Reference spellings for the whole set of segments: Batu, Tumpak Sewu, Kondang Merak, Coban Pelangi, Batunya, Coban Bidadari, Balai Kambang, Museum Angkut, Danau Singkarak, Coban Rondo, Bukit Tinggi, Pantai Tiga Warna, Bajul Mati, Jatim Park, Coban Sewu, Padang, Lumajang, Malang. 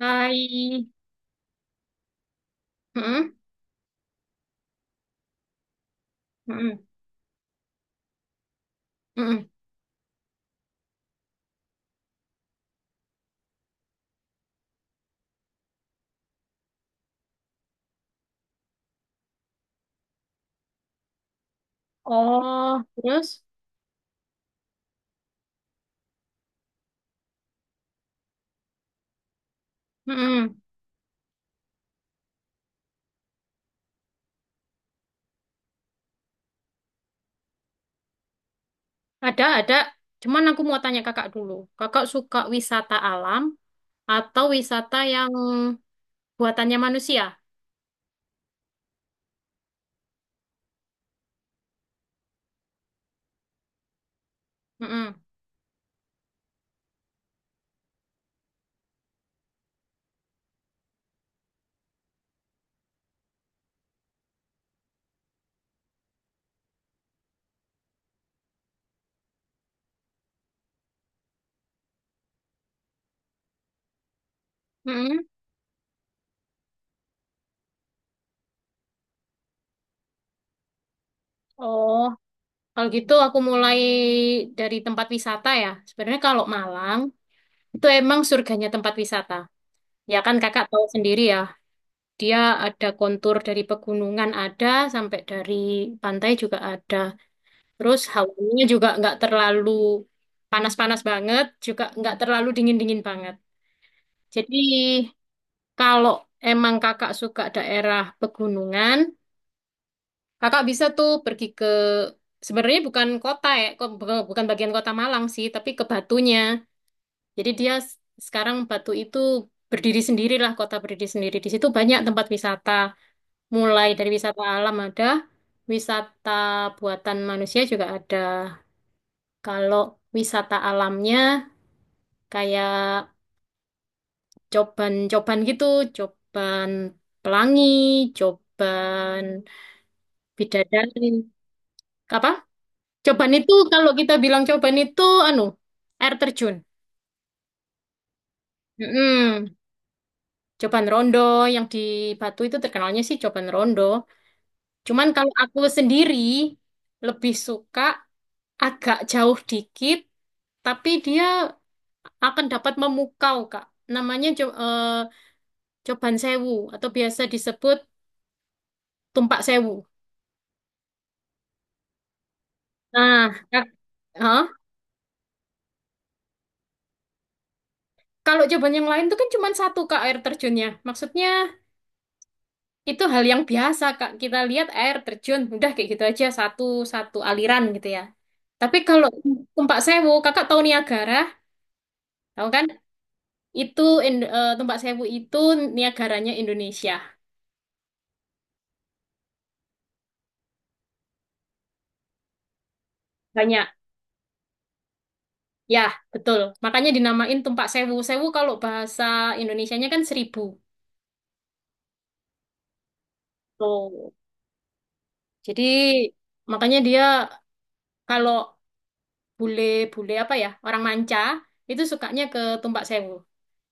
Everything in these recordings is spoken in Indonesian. Hai. Mm-mm, mm-mm, mm-mm. Oh, terus? Mm-mm. Ada, ada. Cuman aku mau tanya kakak dulu. Kakak suka wisata alam atau wisata yang buatannya manusia? Mm-mm, mm-mm. Oh, kalau gitu aku mulai dari tempat wisata ya. Sebenarnya kalau Malang itu emang surganya tempat wisata. Ya kan kakak tahu sendiri ya. Dia ada kontur dari pegunungan ada sampai dari pantai juga ada. Terus hawanya juga nggak terlalu panas-panas banget, juga nggak terlalu dingin-dingin banget. Jadi kalau emang kakak suka daerah pegunungan, kakak bisa tuh pergi ke sebenarnya bukan kota ya, bukan bagian kota Malang sih, tapi ke Batunya. Jadi sekarang Batu itu berdiri sendirilah, kota berdiri sendiri. Di situ banyak tempat wisata, mulai dari wisata alam ada, wisata buatan manusia juga ada. Kalau wisata alamnya kayak coban-coban gitu, coban pelangi, coban bidadari. Apa? Coban itu kalau kita bilang coban itu anu, air terjun. Mm-mm. Coban rondo yang di Batu itu terkenalnya sih coban rondo. Cuman kalau aku sendiri lebih suka agak jauh dikit, tapi dia akan dapat memukau, Kak. Namanya Coban Sewu atau biasa disebut Tumpak Sewu. Nah, Kak, hah? Kalau coban yang lain itu kan cuma satu Kak air terjunnya. Maksudnya itu hal yang biasa Kak. Kita lihat air terjun, udah kayak gitu aja satu satu aliran gitu ya. Tapi kalau Tumpak Sewu, Kakak tahu Niagara, tahu kan? Itu Tumpak Sewu itu Niagaranya Indonesia. Banyak. Ya, betul. Makanya dinamain Tumpak Sewu. Sewu kalau bahasa Indonesianya kan seribu. Tuh. Jadi makanya dia kalau bule-bule apa ya, orang manca, itu sukanya ke Tumpak Sewu.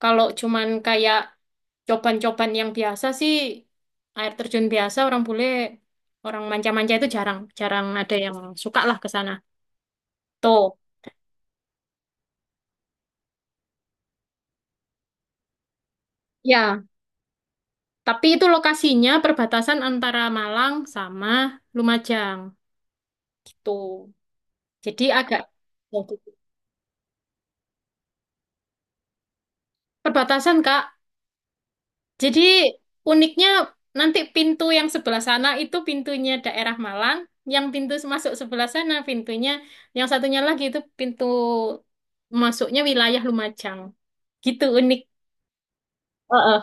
Kalau cuman kayak coban-coban yang biasa sih, air terjun biasa, orang bule, orang manca-manca itu jarang, jarang ada yang suka lah ke sana. Tuh, ya. Tapi itu lokasinya perbatasan antara Malang sama Lumajang, gitu. Jadi agak perbatasan, Kak. Jadi uniknya nanti pintu yang sebelah sana itu pintunya daerah Malang, yang pintu masuk sebelah sana pintunya, yang satunya lagi itu pintu masuknya wilayah Lumajang. Gitu unik. Heeh.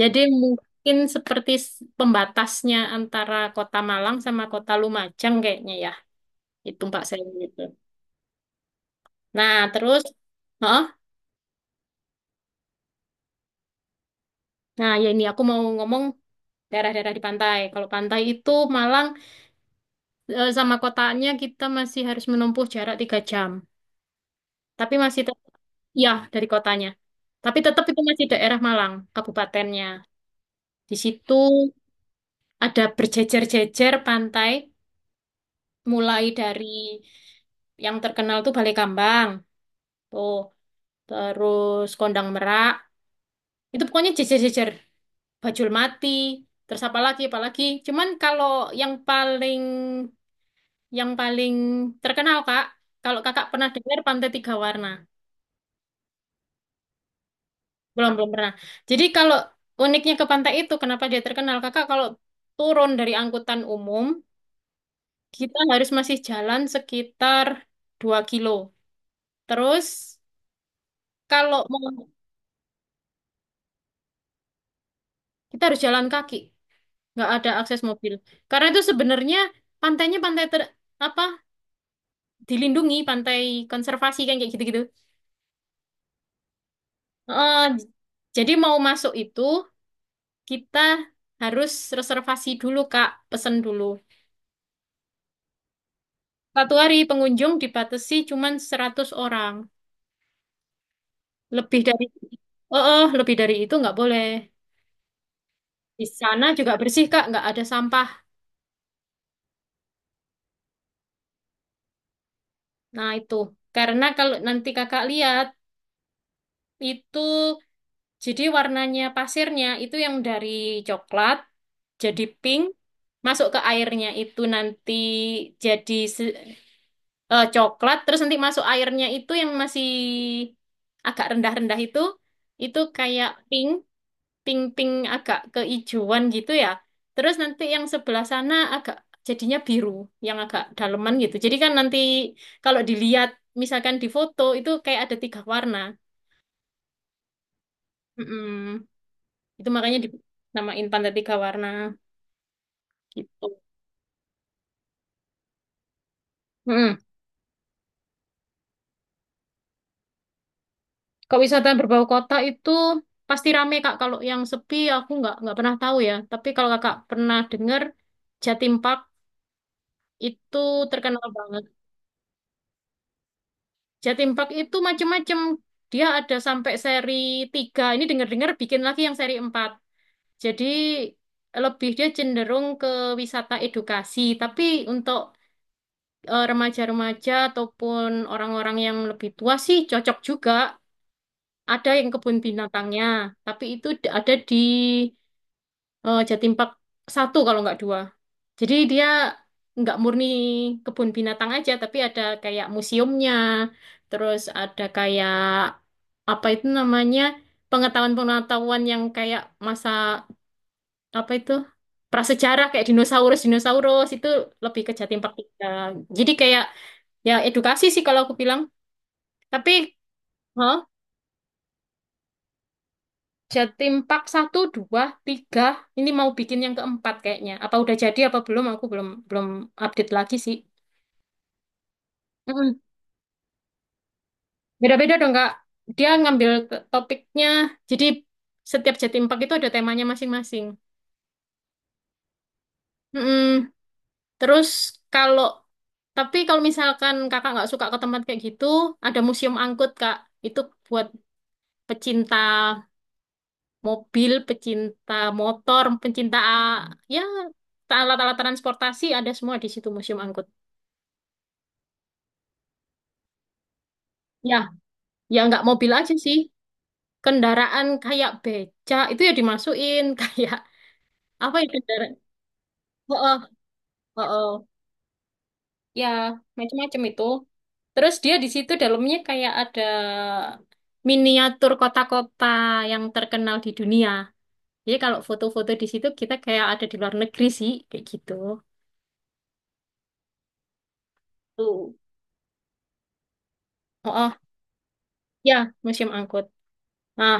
Jadi mungkin seperti pembatasnya antara kota Malang sama kota Lumajang kayaknya ya. Itu Mbak saya itu. Nah, terus heeh. Nah, ya ini aku mau ngomong daerah-daerah di pantai. Kalau pantai itu Malang sama kotanya kita masih harus menempuh jarak 3 jam. Tapi masih tetap, ya dari kotanya. Tapi tetap itu masih daerah Malang, kabupatennya. Di situ ada berjejer-jejer pantai, mulai dari yang terkenal tuh Balai Kambang, tuh terus Kondang Merak. Itu pokoknya jejer-jejer, Bajul Mati, terus apa lagi, apa lagi. Cuman kalau yang paling yang paling terkenal Kak, kalau Kakak pernah dengar Pantai Tiga Warna. Belum, belum pernah. Jadi kalau uniknya ke pantai itu, kenapa dia terkenal? Kakak kalau turun dari angkutan umum, kita harus masih jalan sekitar 2 kilo. Terus kalau mau, kita harus jalan kaki. Nggak ada akses mobil. Karena itu sebenarnya pantainya pantai ter, apa dilindungi, pantai konservasi kan kayak gitu-gitu. Eh, jadi mau masuk itu, kita harus reservasi dulu, Kak. Pesen dulu. Satu hari pengunjung dibatasi cuma 100 orang. Lebih dari oh, oh, lebih dari itu nggak boleh. Di sana juga bersih, Kak, nggak ada sampah. Nah, itu. Karena kalau nanti Kakak lihat itu jadi warnanya pasirnya itu yang dari coklat jadi pink masuk ke airnya itu nanti jadi coklat terus nanti masuk airnya itu yang masih agak rendah-rendah itu kayak pink pink-pink agak keijuan gitu ya. Terus nanti yang sebelah sana agak jadinya biru, yang agak daleman gitu. Jadi kan nanti kalau dilihat misalkan di foto itu kayak ada tiga warna. Mm-mm. Itu makanya dinamain pantai tiga warna gitu. Mm-mm. Kalau wisata berbau kota itu pasti rame Kak. Kalau yang sepi aku nggak pernah tahu ya. Tapi kalau Kakak pernah dengar Jatim Park itu terkenal banget. Jatim Park itu macam-macam. Dia ada sampai seri 3. Ini dengar-dengar bikin lagi yang seri 4. Jadi lebih dia cenderung ke wisata edukasi. Tapi untuk remaja-remaja ataupun orang-orang yang lebih tua sih cocok juga. Ada yang kebun binatangnya, tapi itu ada di Jatim Park satu kalau nggak dua. Jadi dia nggak murni kebun binatang aja, tapi ada kayak museumnya, terus ada kayak apa itu namanya pengetahuan-pengetahuan yang kayak masa apa itu prasejarah kayak dinosaurus dinosaurus itu lebih ke Jatim Park tiga. Jadi kayak ya edukasi sih kalau aku bilang. Tapi, hah? Jatim Park satu dua tiga. Ini mau bikin yang keempat kayaknya. Apa udah jadi apa belum? Aku belum belum update lagi sih. Mm-mm. Beda-beda dong, Kak. Topiknya. Jadi setiap Jatim Park itu ada temanya masing-masing. Mm-mm. Terus kalau tapi kalau misalkan kakak nggak suka ke tempat kayak gitu, ada museum angkut, Kak. Itu buat pecinta mobil, pecinta motor, pecinta ya alat-alat transportasi ada semua di situ museum angkut. Ya, ya nggak mobil aja sih. Kendaraan kayak becak itu ya dimasukin kayak apa ya kendaraan? Oh, oh, oh, oh. Ya, macam-macam itu. Terus dia di situ dalamnya kayak ada miniatur kota-kota yang terkenal di dunia. Jadi kalau foto-foto di situ kita kayak ada di luar negeri sih, kayak gitu. Tuh. Oh, oh. Ya, museum angkut. Nah,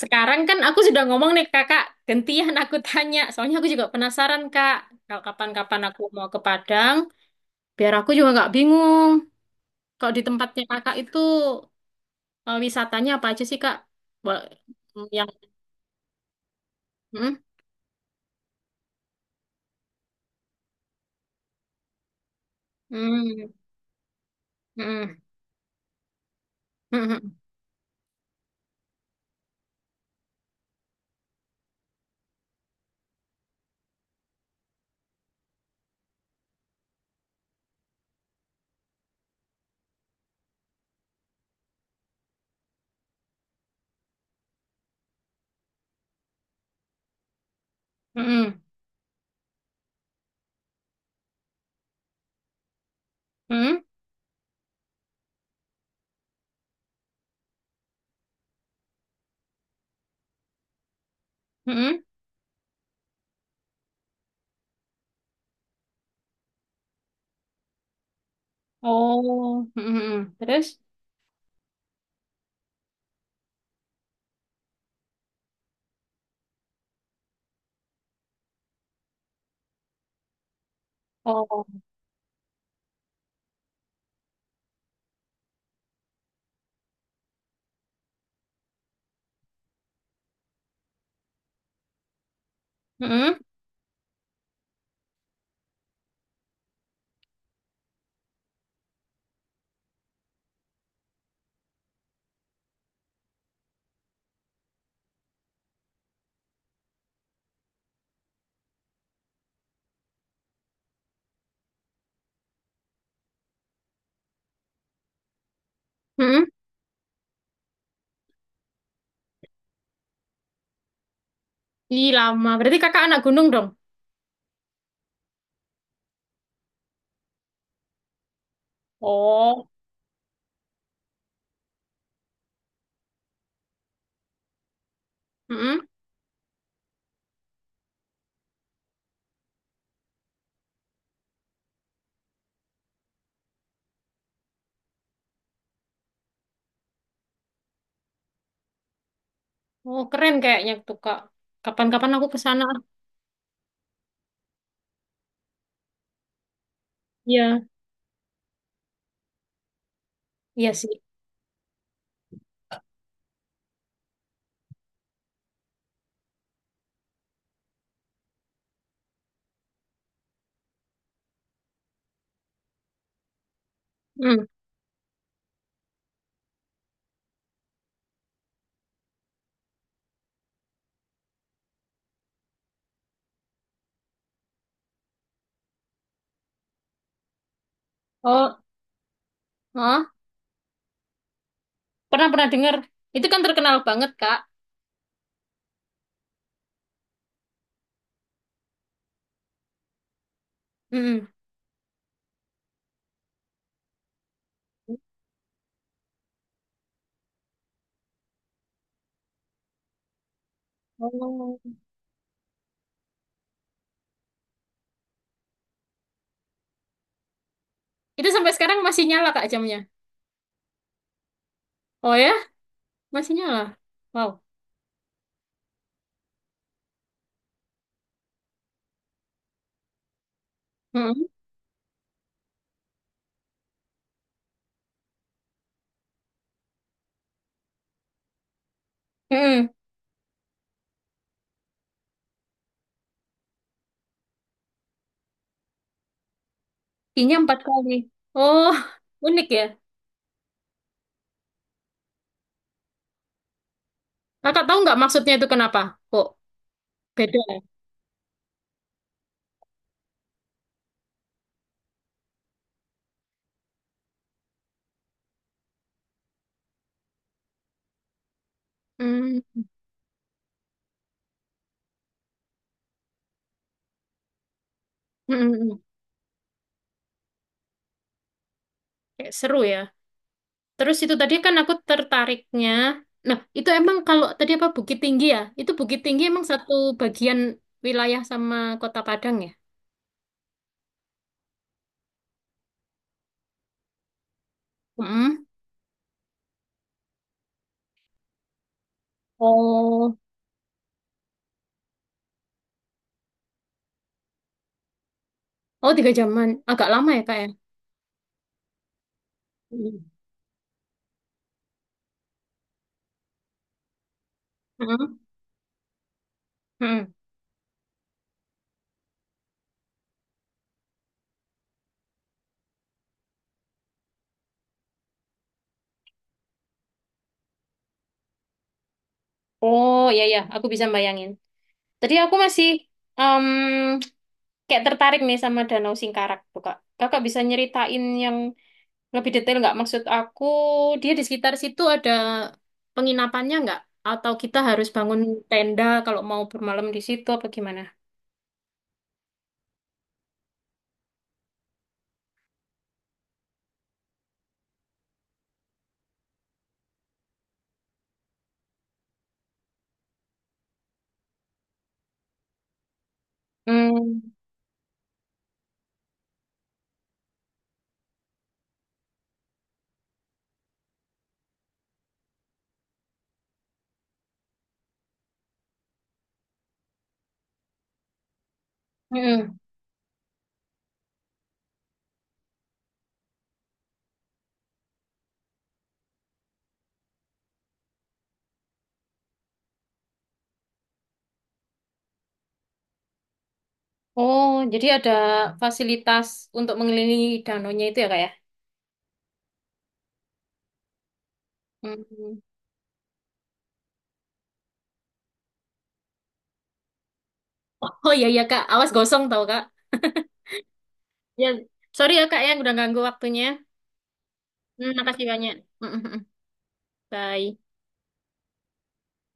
sekarang kan aku sudah ngomong nih kakak, gantian aku tanya. Soalnya aku juga penasaran kak, kalau kapan-kapan aku mau ke Padang, biar aku juga nggak bingung. Kalau di tempatnya kakak itu wisatanya apa aja sih kak? Bo- Yang hmm? Hmm. Hmm. Hmm. Hmm. Hmm. Hmm. hmm, hmm. Oh, Hmm. hmm, hmm. Terus? Oh, Hmm. Hmm. hmm. Ih, lama. Berarti kakak anak gunung dong? Oh, Hmm. hmm. Oh, keren kayaknya tuh kak. Kapan-kapan aku ke sana. Iya, iya sih. Hmm. Oh, hah? Pernah pernah dengar. Itu kan terkenal banget, Kak. Mm. Oh. Itu sampai sekarang masih nyala, Kak, jamnya. Oh ya, masih nyala. Wow. Hmm. Hmm. Kinya empat kali. Oh, unik ya. Kakak tahu nggak maksudnya itu kenapa? Kok beda? Ya? Hmm. Hmm. hmm. Kayak seru ya. Terus itu tadi kan aku tertariknya. Nah, itu emang kalau tadi apa Bukit Tinggi ya? Itu Bukit Tinggi emang satu bagian wilayah sama Kota Padang ya? Hmm. Oh, oh 3 jaman, agak lama ya kak ya? Mm. Heeh. Heeh. Oh ya ya, aku bisa bayangin. Tadi aku masih em, kayak tertarik nih sama Danau Singkarak tuh kak. Kakak bisa nyeritain yang lebih detail nggak? Maksud aku dia di sekitar situ ada penginapannya nggak? Atau kita harus bangun tenda kalau mau bermalam di situ apa gimana? Hmm. Mm-mm. Oh, jadi ada fasilitas untuk mengelilingi danaunya itu ya kak ya? Oh iya iya Kak, awas gosong tau Kak. Ya, sorry ya Kak ya udah ganggu waktunya. Hmm, makasih banyak. Mm, mm, mm. Bye.